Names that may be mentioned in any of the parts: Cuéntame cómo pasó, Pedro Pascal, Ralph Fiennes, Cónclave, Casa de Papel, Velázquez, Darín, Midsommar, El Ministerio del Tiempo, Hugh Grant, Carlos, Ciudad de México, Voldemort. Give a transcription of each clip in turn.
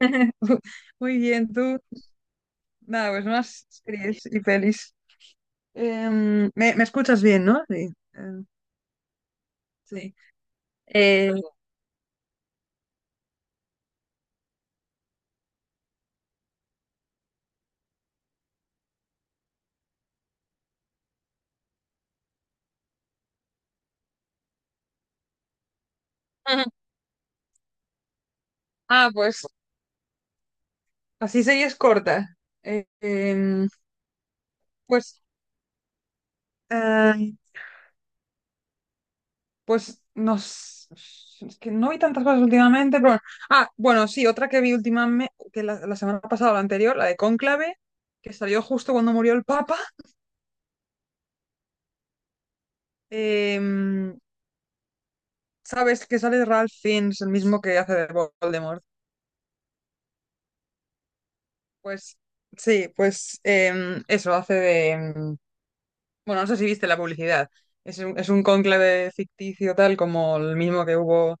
Muy bien, tú. Nada, pues más series y pelis. Me escuchas bien, ¿no? Sí. em, sí. Eh, ah, pues así series cortas. Eh, em, pues, eh, pues nos... Es que no vi tantas cosas últimamente, pero bueno. Ah, bueno, sí, otra que vi últimamente, que la semana pasada o la anterior, la de Cónclave, que salió justo cuando murió el Papa. Em, ¿Sabes que sale Ralph Fiennes, el mismo que hace de Voldemort? Pues sí, pues em, eso hace de... em, Bueno, no sé si viste la publicidad. Es un cónclave ficticio tal como el mismo que hubo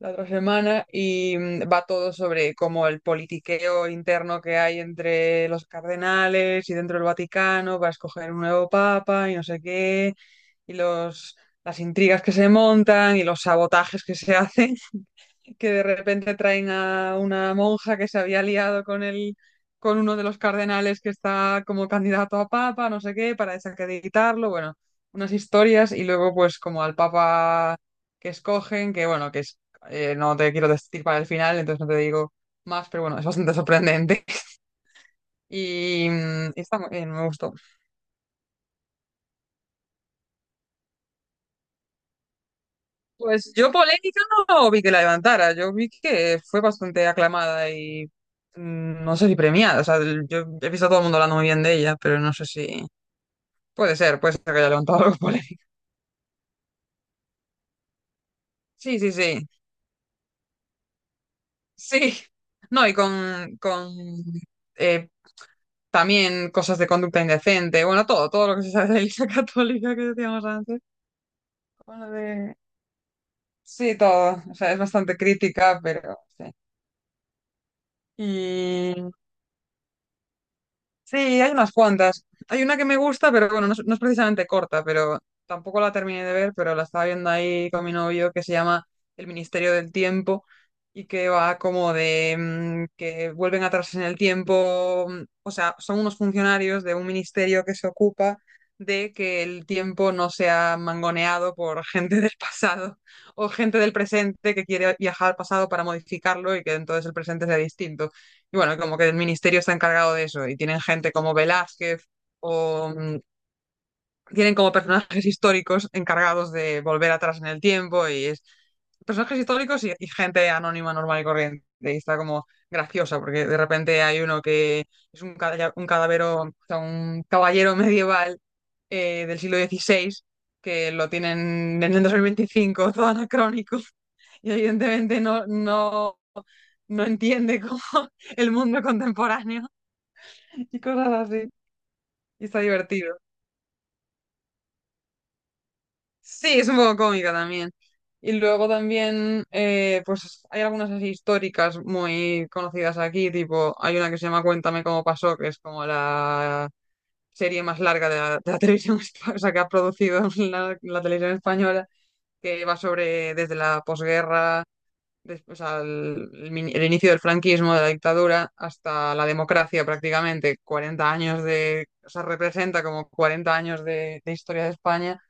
la otra semana y va todo sobre como el politiqueo interno que hay entre los cardenales y dentro del Vaticano para escoger un nuevo papa y no sé qué, y las intrigas que se montan y los sabotajes que se hacen, que de repente traen a una monja que se había liado con uno de los cardenales que está como candidato a papa, no sé qué, para desacreditarlo. Bueno, unas historias, y luego pues como al papa que escogen, que bueno, que es, no te quiero decir para el final, entonces no te digo más, pero bueno, es bastante sorprendente. Y está muy bien, me gustó. Pues yo polémica no vi que la levantara, yo vi que fue bastante aclamada y no sé si premiada. O sea, yo he visto a todo el mundo hablando muy bien de ella, pero no sé si puede ser que haya levantado algo polémico. Sí, sí, sí, sí. No, y con eh, también cosas de conducta indecente. Bueno, todo, todo lo que se sabe de la Iglesia Católica que decíamos antes. con lo de- Sí, todo, o sea, es bastante crítica, pero sí. Sí, hay unas cuantas. Hay una que me gusta, pero bueno, no es precisamente corta, pero tampoco la terminé de ver, pero la estaba viendo ahí con mi novio, que se llama El Ministerio del Tiempo, y que va como de que vuelven atrás en el tiempo. O sea, son unos funcionarios de un ministerio que se ocupa de que el tiempo no sea mangoneado por gente del pasado o gente del presente que quiere viajar al pasado para modificarlo y que entonces el presente sea distinto. Y bueno, como que el ministerio está encargado de eso y tienen gente como Velázquez o mm, tienen como personajes históricos encargados de volver atrás en el tiempo, y es personajes históricos y gente anónima, normal y corriente. Y está como graciosa porque de repente hay uno que es un cadavero, o sea, un caballero medieval del siglo XVI, que lo tienen en el 2025, todo anacrónico y evidentemente no entiende cómo el mundo contemporáneo y cosas así. Y está divertido. Sí, es un poco cómica también. Y luego también, pues hay algunas así históricas muy conocidas aquí, tipo, hay una que se llama Cuéntame cómo pasó, que es como la serie más larga de de la televisión, o sea, que ha producido la televisión española, que va sobre desde la posguerra, o sea, el inicio del franquismo, de la dictadura, hasta la democracia prácticamente, 40 años de, o sea, representa como 40 años de historia de España,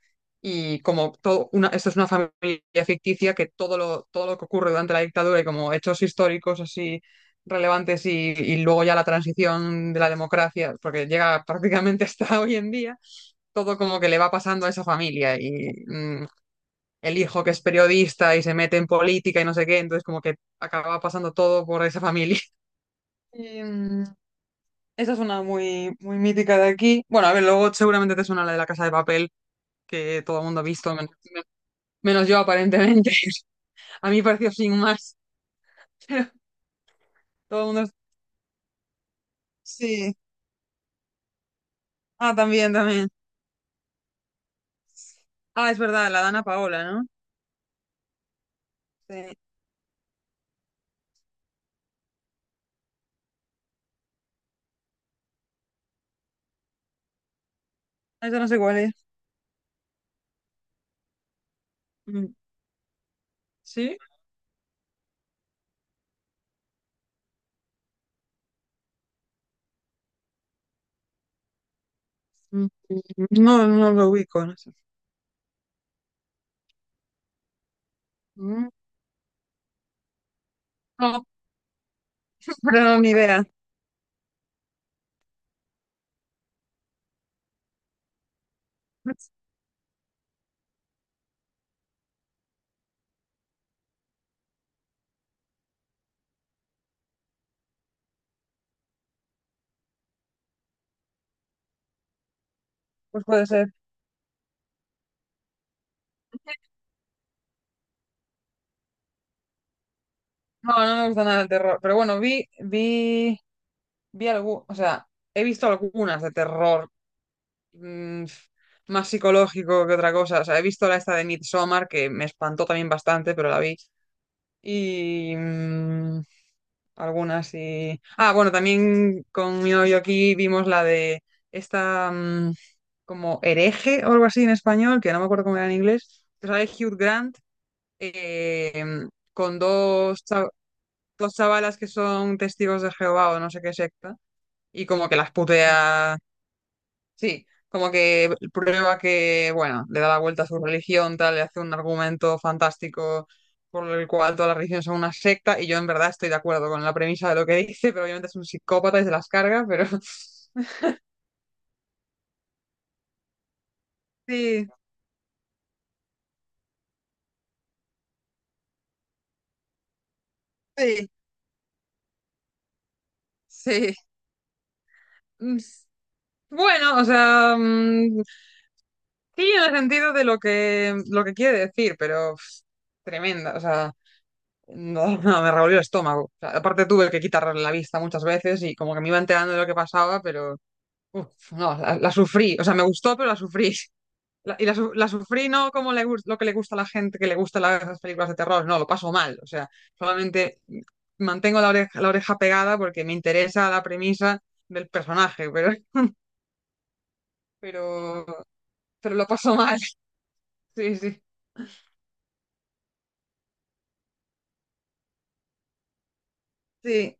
y como todo una, esto es una familia ficticia, que todo lo que ocurre durante la dictadura y como hechos históricos así relevantes, y luego ya la transición de la democracia, porque llega prácticamente hasta hoy en día, todo como que le va pasando a esa familia y el hijo que es periodista y se mete en política y no sé qué, entonces como que acaba pasando todo por esa familia. Y, mm, Esa es una muy, muy mítica de aquí. Bueno, a ver, luego seguramente te suena la de la Casa de Papel, que todo el mundo ha visto, menos, yo aparentemente. A mí me pareció sin más, pero todo el mundo... Sí. Ah, también, también. Ah, es verdad, la Dana Paola, ¿no? Sí. Ah, esa no sé cuál es. Mm. ¿Sí? Mm. No, no lo ubico, no sé. Mm. No, pero no, ni idea. Pues puede ser. No, no me gusta nada el terror. Pero bueno, vi algo, o sea, he visto algunas de terror, mm, más psicológico que otra cosa. O sea, he visto la esta de Midsommar, que me espantó también bastante, pero la vi. Y mm, Algunas y. Ah, bueno, también con mi novio aquí vimos la de esta, como hereje o algo así en español, que no me acuerdo cómo era en inglés. Pero sale Hugh Grant, eh, con dos chavalas que son testigos de Jehová o no sé qué secta, y como que las putea. Sí, como que prueba que, bueno, le da la vuelta a su religión, tal, le hace un argumento fantástico por el cual toda la religión son una secta, y yo en verdad estoy de acuerdo con la premisa de lo que dice, pero obviamente es un psicópata y se las carga, pero sí, sí, sí. Mm, Bueno, o sea, sí, en el sentido de lo que, quiere decir, pero pff, tremenda, o sea. No, no, me revolvió el estómago. O sea, aparte tuve que quitar la vista muchas veces y como que me iba enterando de lo que pasaba, pero uf, no, la sufrí. O sea, me gustó, pero la sufrí. La sufrí, no como lo que le gusta a la gente, que le gustan las películas de terror. No, lo paso mal. O sea, solamente mantengo la oreja pegada porque me interesa la premisa del personaje, pero, pero lo paso mal. Sí, sí, sí.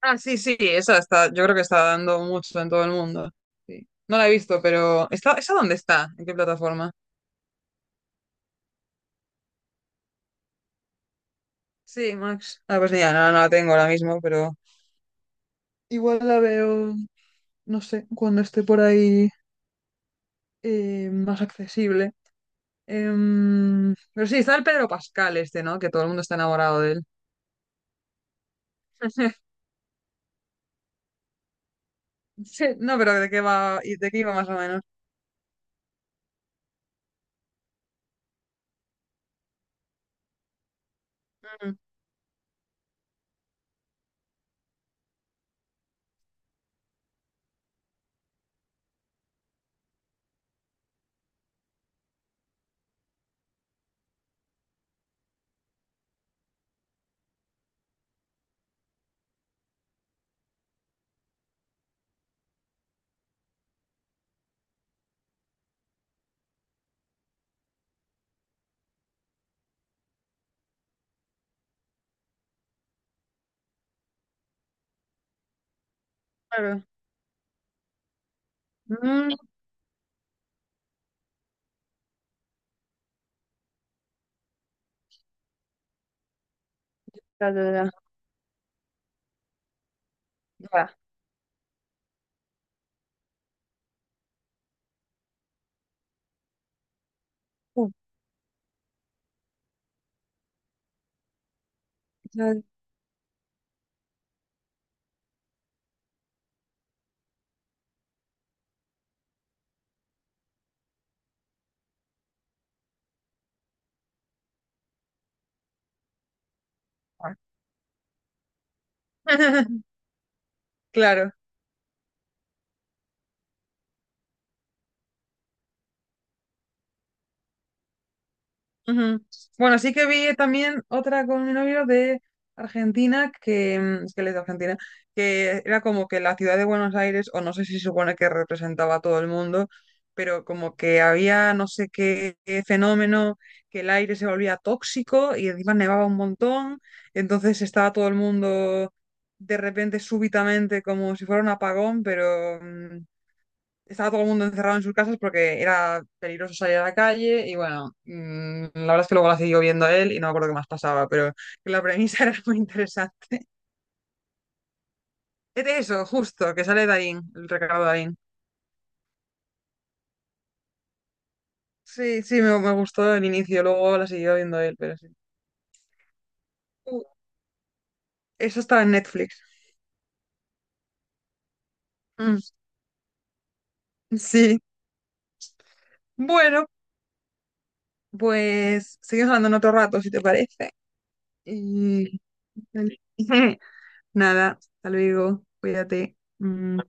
Ah, sí, sí, esa está, yo creo que está dando mucho en todo el mundo. Sí. No la he visto, pero esa dónde está? ¿En qué plataforma? Sí, Max. Ah, pues ya, no la tengo ahora mismo, pero igual la veo, no sé, cuando esté por ahí, más accesible. Pero sí, está el Pedro Pascal este, ¿no? Que todo el mundo está enamorado de él. Sí, no, pero ¿de qué va? ¿Y de qué iba más o menos? Mm, claro. Mm, ya, ya, ya. Ya. Uh, ya, ya. Claro. Ujú. Bueno, sí que vi también otra con mi novio de Argentina, es que él es de Argentina, que era como que la ciudad de Buenos Aires, o no sé si se supone que representaba a todo el mundo, pero como que había no sé qué, qué fenómeno, que el aire se volvía tóxico y encima nevaba un montón, entonces estaba todo el mundo de repente súbitamente como si fuera un apagón, pero, estaba todo el mundo encerrado en sus casas porque era peligroso salir a la calle, y bueno, la verdad es que luego la siguió viendo él y no me acuerdo qué más pasaba, pero la premisa era muy interesante. Es de eso, justo, que sale Darín, el recado de Darín. Sí, sí, me gustó el inicio, luego la siguió viendo él, pero sí. Uh, Eso estaba en Netflix. Mm, sí. Bueno, pues seguimos hablando en otro rato, si te parece. Y... Nada, hasta luego, cuídate. Mm.